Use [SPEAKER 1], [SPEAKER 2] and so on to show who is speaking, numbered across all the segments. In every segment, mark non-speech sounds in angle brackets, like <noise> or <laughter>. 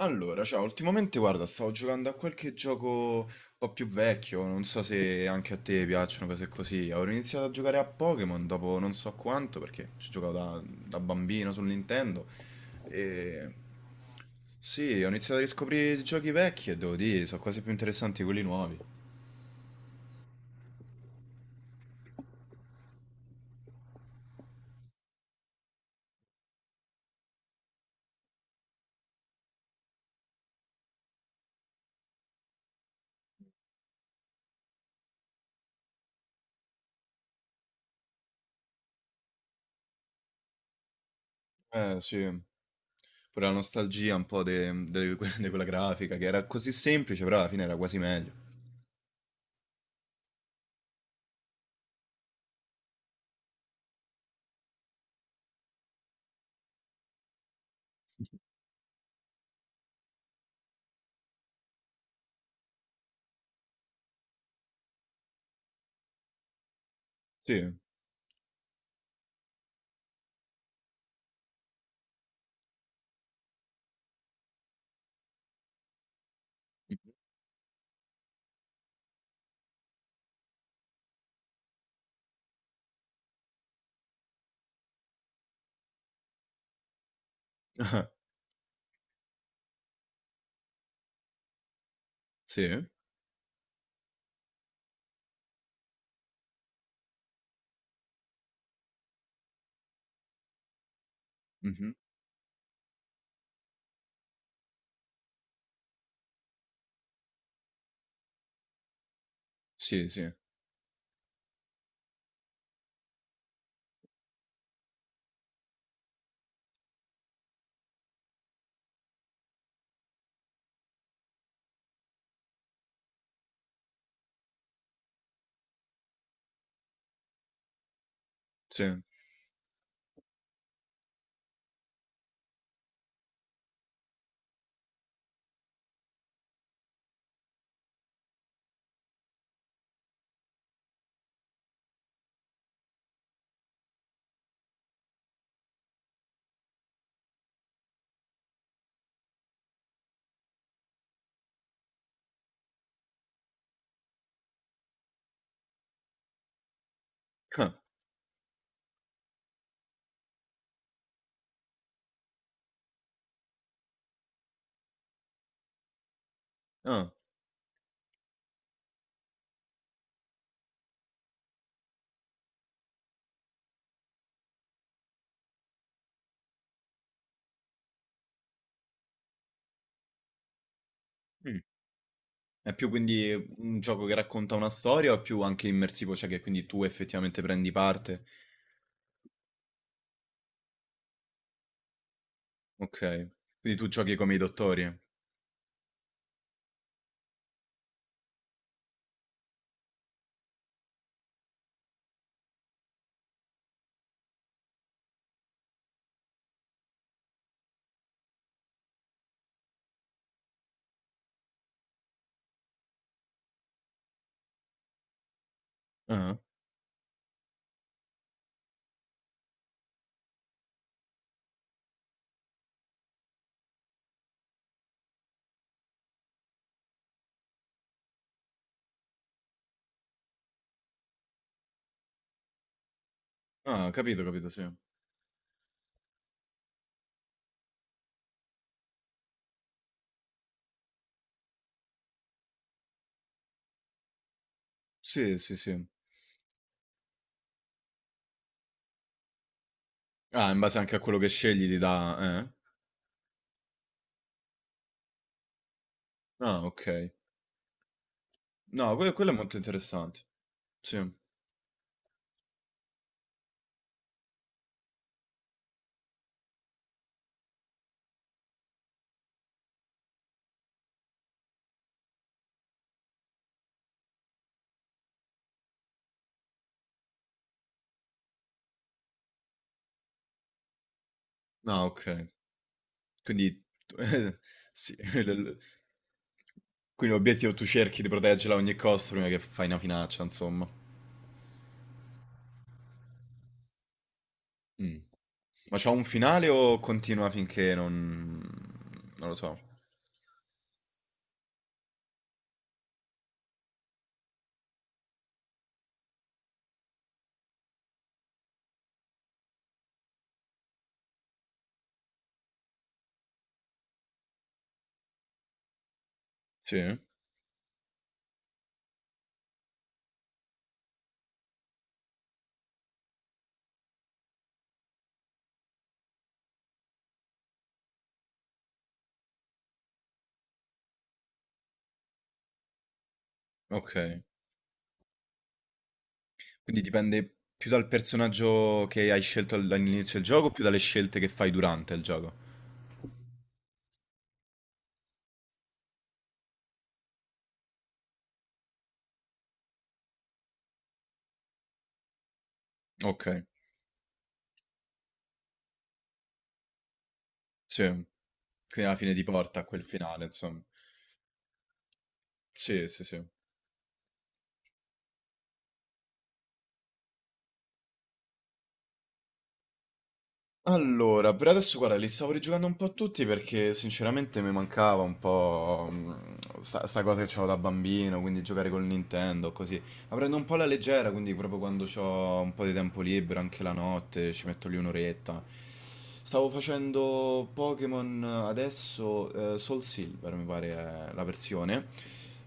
[SPEAKER 1] Allora, ciao, ultimamente guarda, stavo giocando a qualche gioco un po' più vecchio, non so se anche a te piacciono cose così. Avevo iniziato a giocare a Pokémon dopo non so quanto, perché ci giocavo da, da bambino sul Nintendo. E... Sì, ho iniziato a riscoprire i giochi vecchi e devo dire, sono quasi più interessanti di quelli nuovi. Eh sì, pure la nostalgia un po' di quella grafica, che era così semplice, però alla fine era quasi meglio. Sì, <laughs> sì, mhm, sì, sì, sì. <laughs> Ah, mh. È più quindi un gioco che racconta una storia o è più anche immersivo, cioè che quindi tu effettivamente prendi parte? Okay. Quindi tu giochi come i dottori. Ah-ah. Ah, ho capito, sì. Sì, sì, sì. Ah, in base anche a quello che scegli ti dà, eh? Ah, okay. No, quello è molto interessante. Sì. Ah, okay. Quindi tu <laughs> sì, <laughs> quindi l'obiettivo tu cerchi di proteggerla a ogni costo prima che fai una finaccia, insomma. Mh. Ma c'ha un finale o continua finché non... non lo so? Sì? Ok. Quindi dipende più dal personaggio che hai scelto all'inizio del gioco, più dalle scelte che fai durante il gioco. Ok, sì. Quindi alla fine ti porta a quel finale, insomma. Sì, sì, sì. Allora, per adesso guarda, li stavo rigiocando un po' tutti perché sinceramente mi mancava un po' sta cosa che c'avevo da bambino, quindi giocare col Nintendo, così. La prendo un po' alla leggera, quindi proprio quando ho un po' di tempo libero, anche la notte, ci metto lì un'oretta. Stavo facendo Pokémon adesso, Soul Silver mi pare è la versione,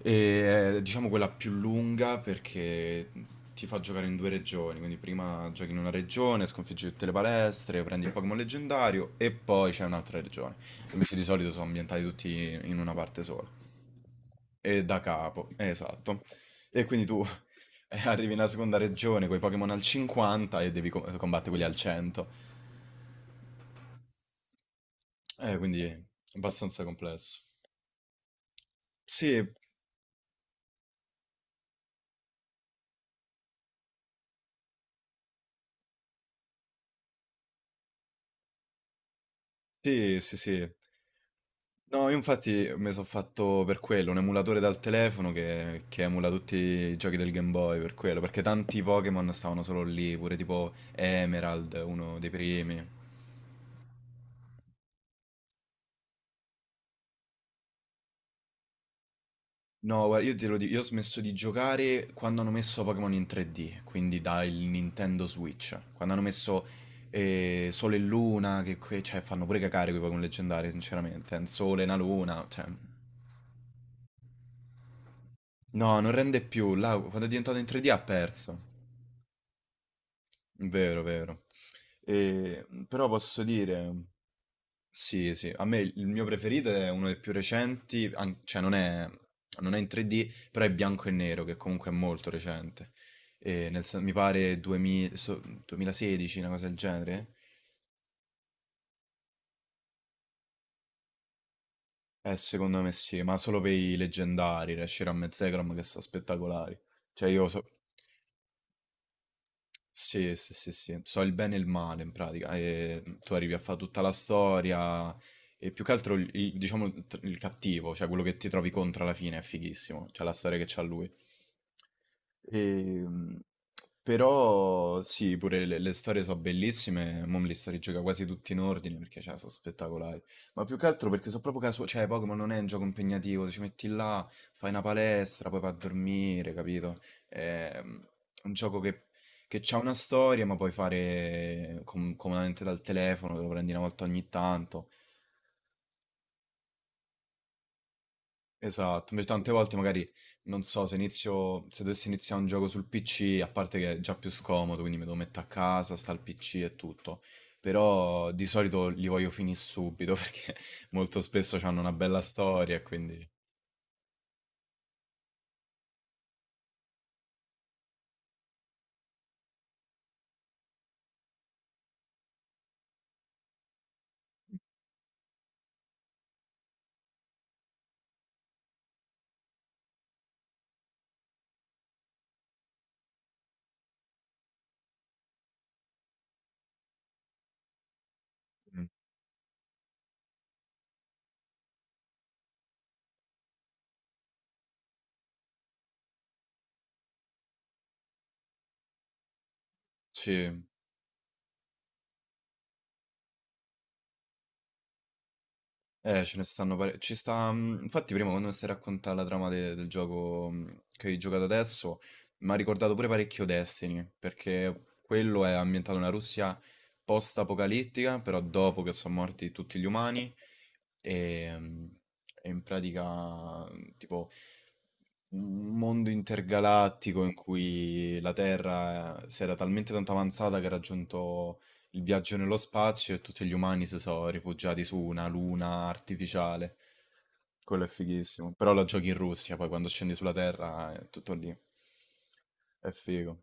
[SPEAKER 1] e è, diciamo quella più lunga perché ti fa giocare in due regioni, quindi prima giochi in una regione, sconfiggi tutte le palestre, prendi il Pokémon leggendario e poi c'è un'altra regione. Invece di solito sono ambientati tutti in una parte sola. E da capo, esatto. E quindi tu <laughs> arrivi nella seconda regione con i Pokémon al 50 e devi combattere quelli al 100. Quindi è abbastanza complesso. Sì, sì, sì, sì. No, io infatti mi sono fatto per quello, un emulatore dal telefono che emula tutti i giochi del Game Boy, per quello, perché tanti Pokémon stavano solo lì, pure tipo Emerald, uno dei primi. No, guarda, io te lo dico, io ho smesso di giocare quando hanno messo Pokémon in 3D, quindi dal Nintendo Switch, quando hanno messo Sole e Luna, che cioè, fanno pure cacare quei Pokémon leggendari, sinceramente, un sole, una luna, cioè... No, non rende più, là, quando è diventato in 3D ha perso, vero, vero. E, però posso dire, sì, sì, a me il mio preferito è uno dei più recenti, cioè non è, non è in 3D, però è bianco e nero, che comunque è molto recente. E nel mi pare 2000 2016, una cosa del genere. Secondo me sì, ma solo per i leggendari, Reshiram e Zekrom, che sono spettacolari. Cioè io so... Sì, sì, sì, sì. So il bene e il male in pratica, tu arrivi a fa' tutta la storia e più che altro il diciamo il cattivo, cioè quello che ti trovi contro alla fine è fighissimo, cioè la storia che c'ha lui. Ehm, però sì, pure le storie sono bellissime, mo me li sto rigioca quasi tutti in ordine perché cioè, sono spettacolari, ma più che altro perché sono proprio casuali, cioè Pokémon non è un gioco impegnativo, ci metti là, fai una palestra, poi vai a dormire, capito? È un gioco che ha una storia ma puoi fare comodamente dal telefono, te lo prendi una volta ogni tanto. Esatto, invece tante volte magari, non so, se dovessi iniziare un gioco sul PC, a parte che è già più scomodo, quindi me lo metto a casa, sta al PC e tutto, però di solito li voglio finire subito <laughs> perché molto spesso hanno una bella storia e quindi sì. Ce ne stanno pare. Ci sta, mhmm, infatti prima quando mi stai a raccontà la trama de del gioco, mhmm, che hai giocato adesso, m'ha ricordato pure parecchio Destiny, perché quello è ambientato nella Russia post-apocalittica, però dopo che son morti tutti gli umani, ehm, e in pratica, mhmm, tipo un mondo intergalattico in cui la Terra si era talmente tanto avanzata che ha raggiunto il viaggio nello spazio e tutti gli umani si sono rifugiati su una luna artificiale. Quello è fighissimo. Però lo giochi in Russia, poi quando scendi sulla Terra, è tutto lì. È figo.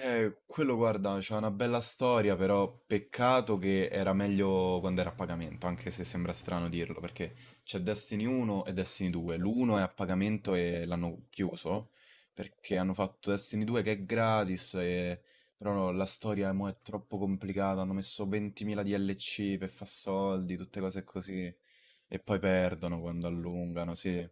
[SPEAKER 1] Quello guarda, c'ha una bella storia, però peccato che era meglio quando era a pagamento, anche se sembra strano dirlo, perché c'è Destiny 1 e Destiny 2. L'uno è a pagamento e l'hanno chiuso, perché hanno fatto Destiny 2 che è gratis, e... però no, la storia mo è troppo complicata, hanno messo 20.000 DLC per far soldi, tutte cose così, e poi perdono quando allungano, sì.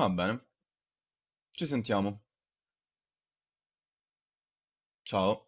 [SPEAKER 1] Va bene, ci sentiamo. Ciao.